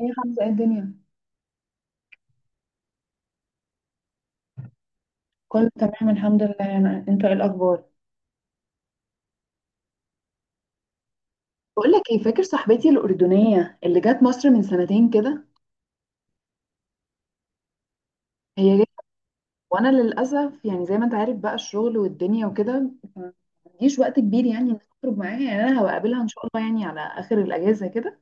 ايه يا حمزة، ايه الدنيا؟ كله تمام الحمد لله. انا انت ايه الاخبار؟ بقول لك ايه، فاكر صاحبتي الاردنيه اللي جت مصر من سنتين كده؟ هي جت، وانا للاسف يعني زي ما انت عارف بقى الشغل والدنيا وكده ما عنديش وقت كبير، يعني إني اخرج معاها. يعني انا هقابلها ان شاء الله يعني على اخر الاجازه كده،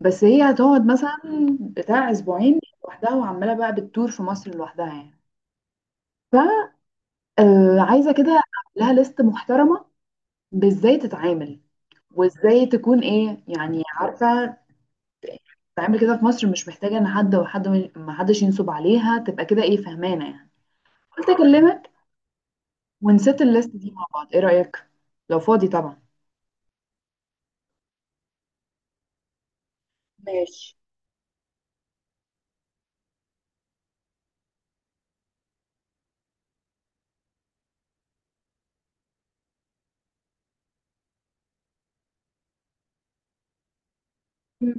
بس هي هتقعد مثلا بتاع اسبوعين لوحدها، وعماله بقى بتدور في مصر لوحدها يعني. آه، عايزه كده اعمل لها ليست محترمه بازاي تتعامل وازاي تكون ايه يعني عارفه تعمل كده في مصر، مش محتاجة ان حد وحد ما حدش ينصب عليها، تبقى كده ايه فهمانة يعني. قلت اكلمك ونسيت الليست دي مع بعض، ايه رأيك، لو فاضي طبعا؟ ماشي. مم.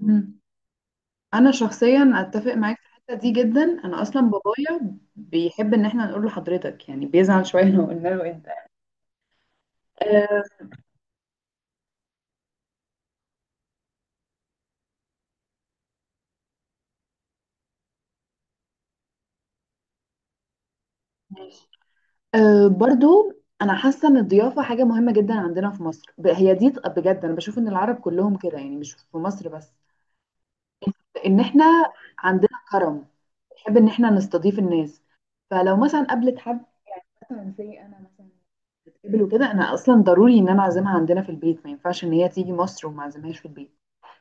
مم. انا شخصيا اتفق معاك في الحتة دي جدا، انا اصلا بابايا بيحب ان احنا نقول لحضرتك، يعني بيزعل شوية لو قلنا له انت. أه ماشي، أه برضو. انا حاسة ان الضيافة حاجة مهمة جدا عندنا في مصر، بجد انا بشوف ان العرب كلهم كده يعني، مش في مصر بس. ان احنا عندنا كرم، بنحب ان احنا نستضيف الناس. فلو مثلا قابلت حد مثلا، زي انا مثلا بتقابل وكده، انا اصلا ضروري ان انا اعزمها عندنا في البيت. ما ينفعش ان هي تيجي مصر وما اعزمهاش في البيت.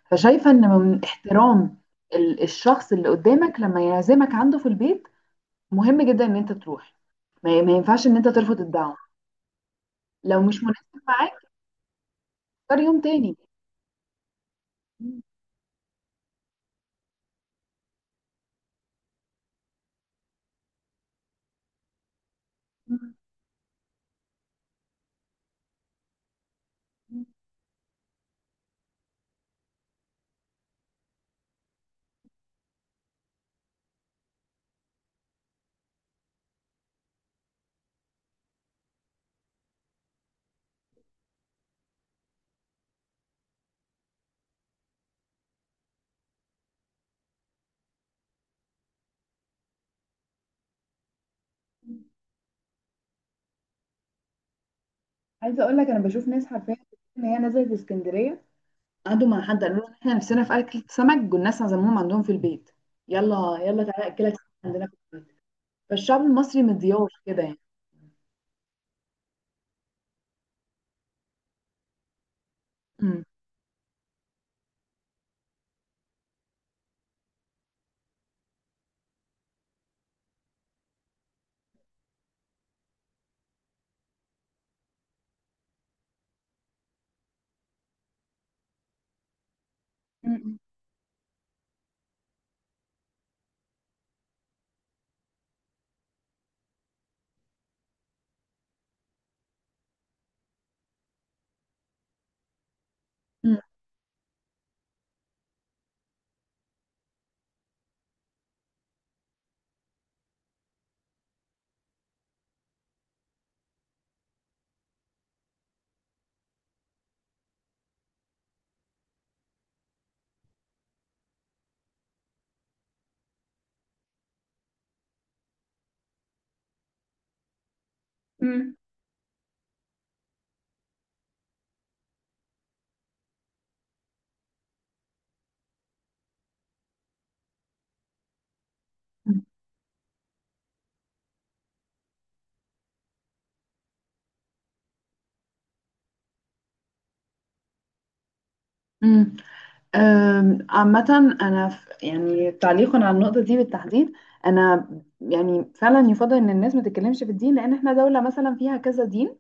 فشايفه ان من احترام الشخص اللي قدامك لما يعزمك عنده في البيت، مهم جدا ان انت تروح. ما ينفعش ان انت ترفض الدعوه. لو مش مناسب معاك، اختار يوم تاني. عايزه اقول لك، انا بشوف ناس حرفيا ان هي نزلت اسكندريه، قعدوا مع حد قالوا لهم احنا نفسنا في اكل سمك، والناس عزموهم عندهم في البيت: يلا يلا تعالى اكلك سمك عندنا في البيت. فالشعب المصري مضياف كده يعني. مم. مم. مم. مم. امم عامة أنا يعني تعليقا على النقطة دي بالتحديد، أنا يعني فعلا يفضل إن الناس ما تتكلمش في الدين، لأن إحنا دولة مثلا فيها كذا دين،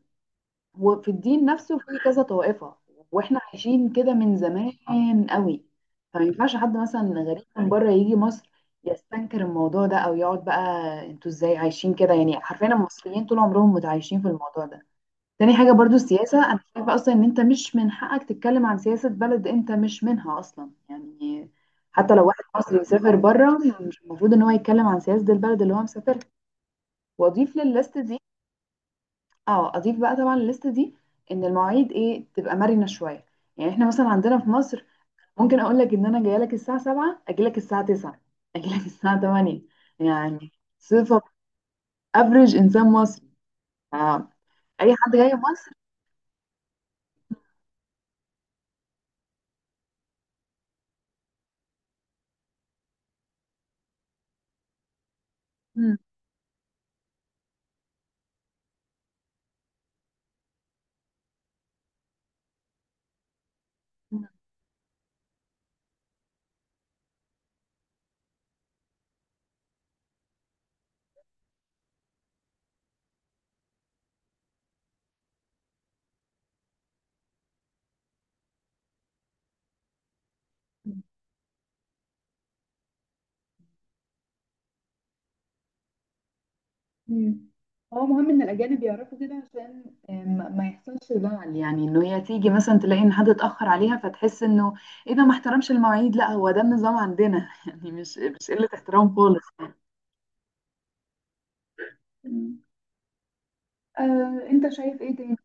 وفي الدين نفسه في كذا طائفة، واحنا عايشين كده من زمان قوي. فما ينفعش حد مثلا غريب من بره يجي مصر يستنكر الموضوع ده او يقعد بقى، انتوا ازاي عايشين كده؟ يعني حرفيا المصريين طول عمرهم متعايشين في الموضوع ده. تاني حاجة برضو السياسة، انا شايفة اصلا ان انت مش من حقك تتكلم عن سياسة بلد انت مش منها اصلا يعني. حتى لو واحد مصري مسافر بره، مش المفروض ان هو يتكلم عن سياسة البلد اللي هو مسافرها. واضيف للليست دي، اه اضيف بقى طبعا الليسته دي ان المواعيد ايه تبقى مرنه شويه. يعني احنا مثلا عندنا في مصر، ممكن اقول لك ان انا جايه لك الساعه 7، اجي لك الساعه 9، اجي لك الساعه 8 يعني. صفه افريج انسان مصري. آه. اي حد جاي مصر. مم. مم. هو مهم ان الاجانب يعرفوا كده، عشان ما يحصلش زعل، يعني انه هي تيجي مثلا تلاقي ان حد اتاخر عليها فتحس انه ايه ده، ما احترمش المواعيد. لا، هو ده النظام عندنا يعني مش قله احترام خالص. انت شايف ايه تاني؟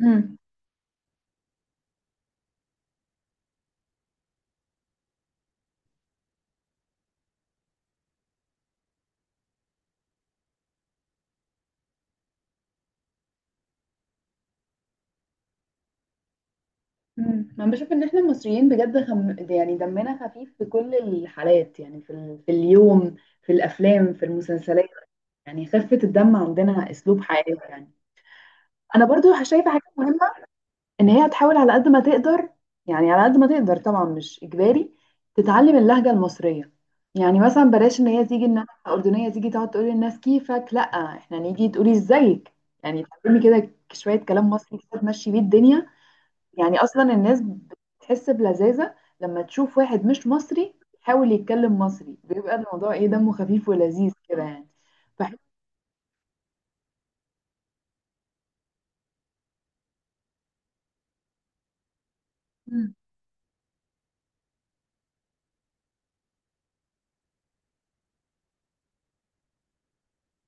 مم. مم. انا بشوف ان احنا المصريين بجد يعني دمنا خفيف في كل الحالات، يعني في اليوم، في الافلام، في المسلسلات. يعني خفة الدم عندنا اسلوب حياة يعني. انا برضو شايفة حاجة مهمة، ان هي تحاول على قد ما تقدر، يعني على قد ما تقدر طبعا مش اجباري، تتعلم اللهجه المصريه. يعني مثلا بلاش ان هي تيجي، ان انا اردنيه تيجي تقعد تقول للناس كيفك، لا احنا نيجي تقولي ازيك. يعني تعلمي كده شويه كلام مصري كده تمشي بيه الدنيا. يعني اصلا الناس بتحس بلذاذه لما تشوف واحد مش مصري يحاول يتكلم مصري، بيبقى الموضوع ايه دمه خفيف ولذيذ كده يعني. بحس. مم.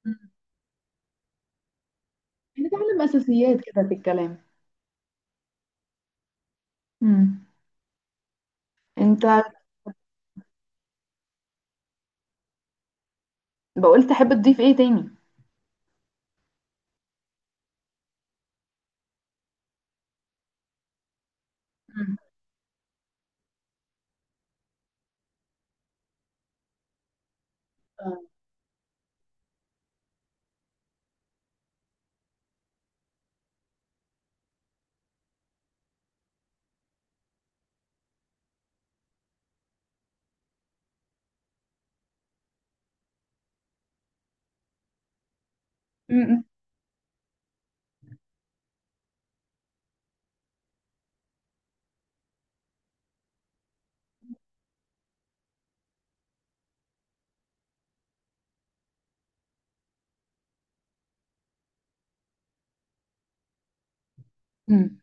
مم. يعني تعلم اساسيات كده في الكلام. مم. انت بقول تحب تضيف ايه تاني؟ مم. آه. مم. مم.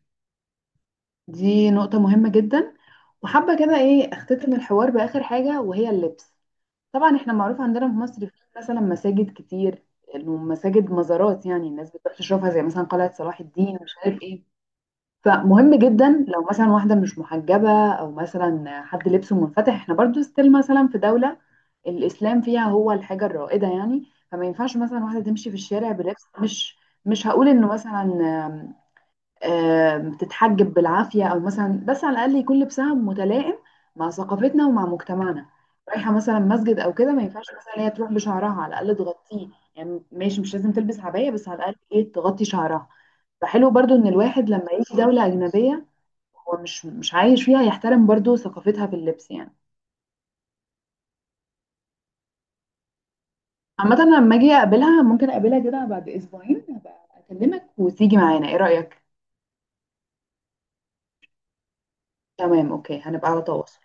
دي نقطة مهمة جدا. وحابة كده ايه اختتم الحوار بآخر حاجة وهي اللبس. طبعا احنا معروف عندنا في مصر في مثلا مساجد كتير، المساجد مزارات، يعني الناس بتروح تشوفها زي مثلا قلعة صلاح الدين مش عارف ايه. فمهم جدا لو مثلا واحدة مش محجبة أو مثلا حد لبسه منفتح، احنا برضو ستيل مثلا في دولة الإسلام فيها هو الحاجة الرائدة يعني. فما ينفعش مثلا واحدة تمشي في الشارع بلبس مش، مش هقول إنه مثلا آم، آم، تتحجب بالعافية أو مثلا، بس على الأقل يكون لبسها متلائم مع ثقافتنا ومع مجتمعنا. رايحة مثلا مسجد أو كده، ما ينفعش مثلا هي تروح بشعرها، على الأقل تغطيه. يعني ماشي مش لازم تلبس عباية، بس على الأقل إيه تغطي شعرها. فحلو برضو إن الواحد لما يجي دولة أجنبية هو مش عايش فيها، يحترم برضو ثقافتها في اللبس يعني. عامة أنا لما اجي اقابلها، ممكن اقابلها كده بعد اسبوعين، هبقى اكلمك وتيجي معانا، ايه رأيك؟ تمام اوكي، هنبقى على تواصل.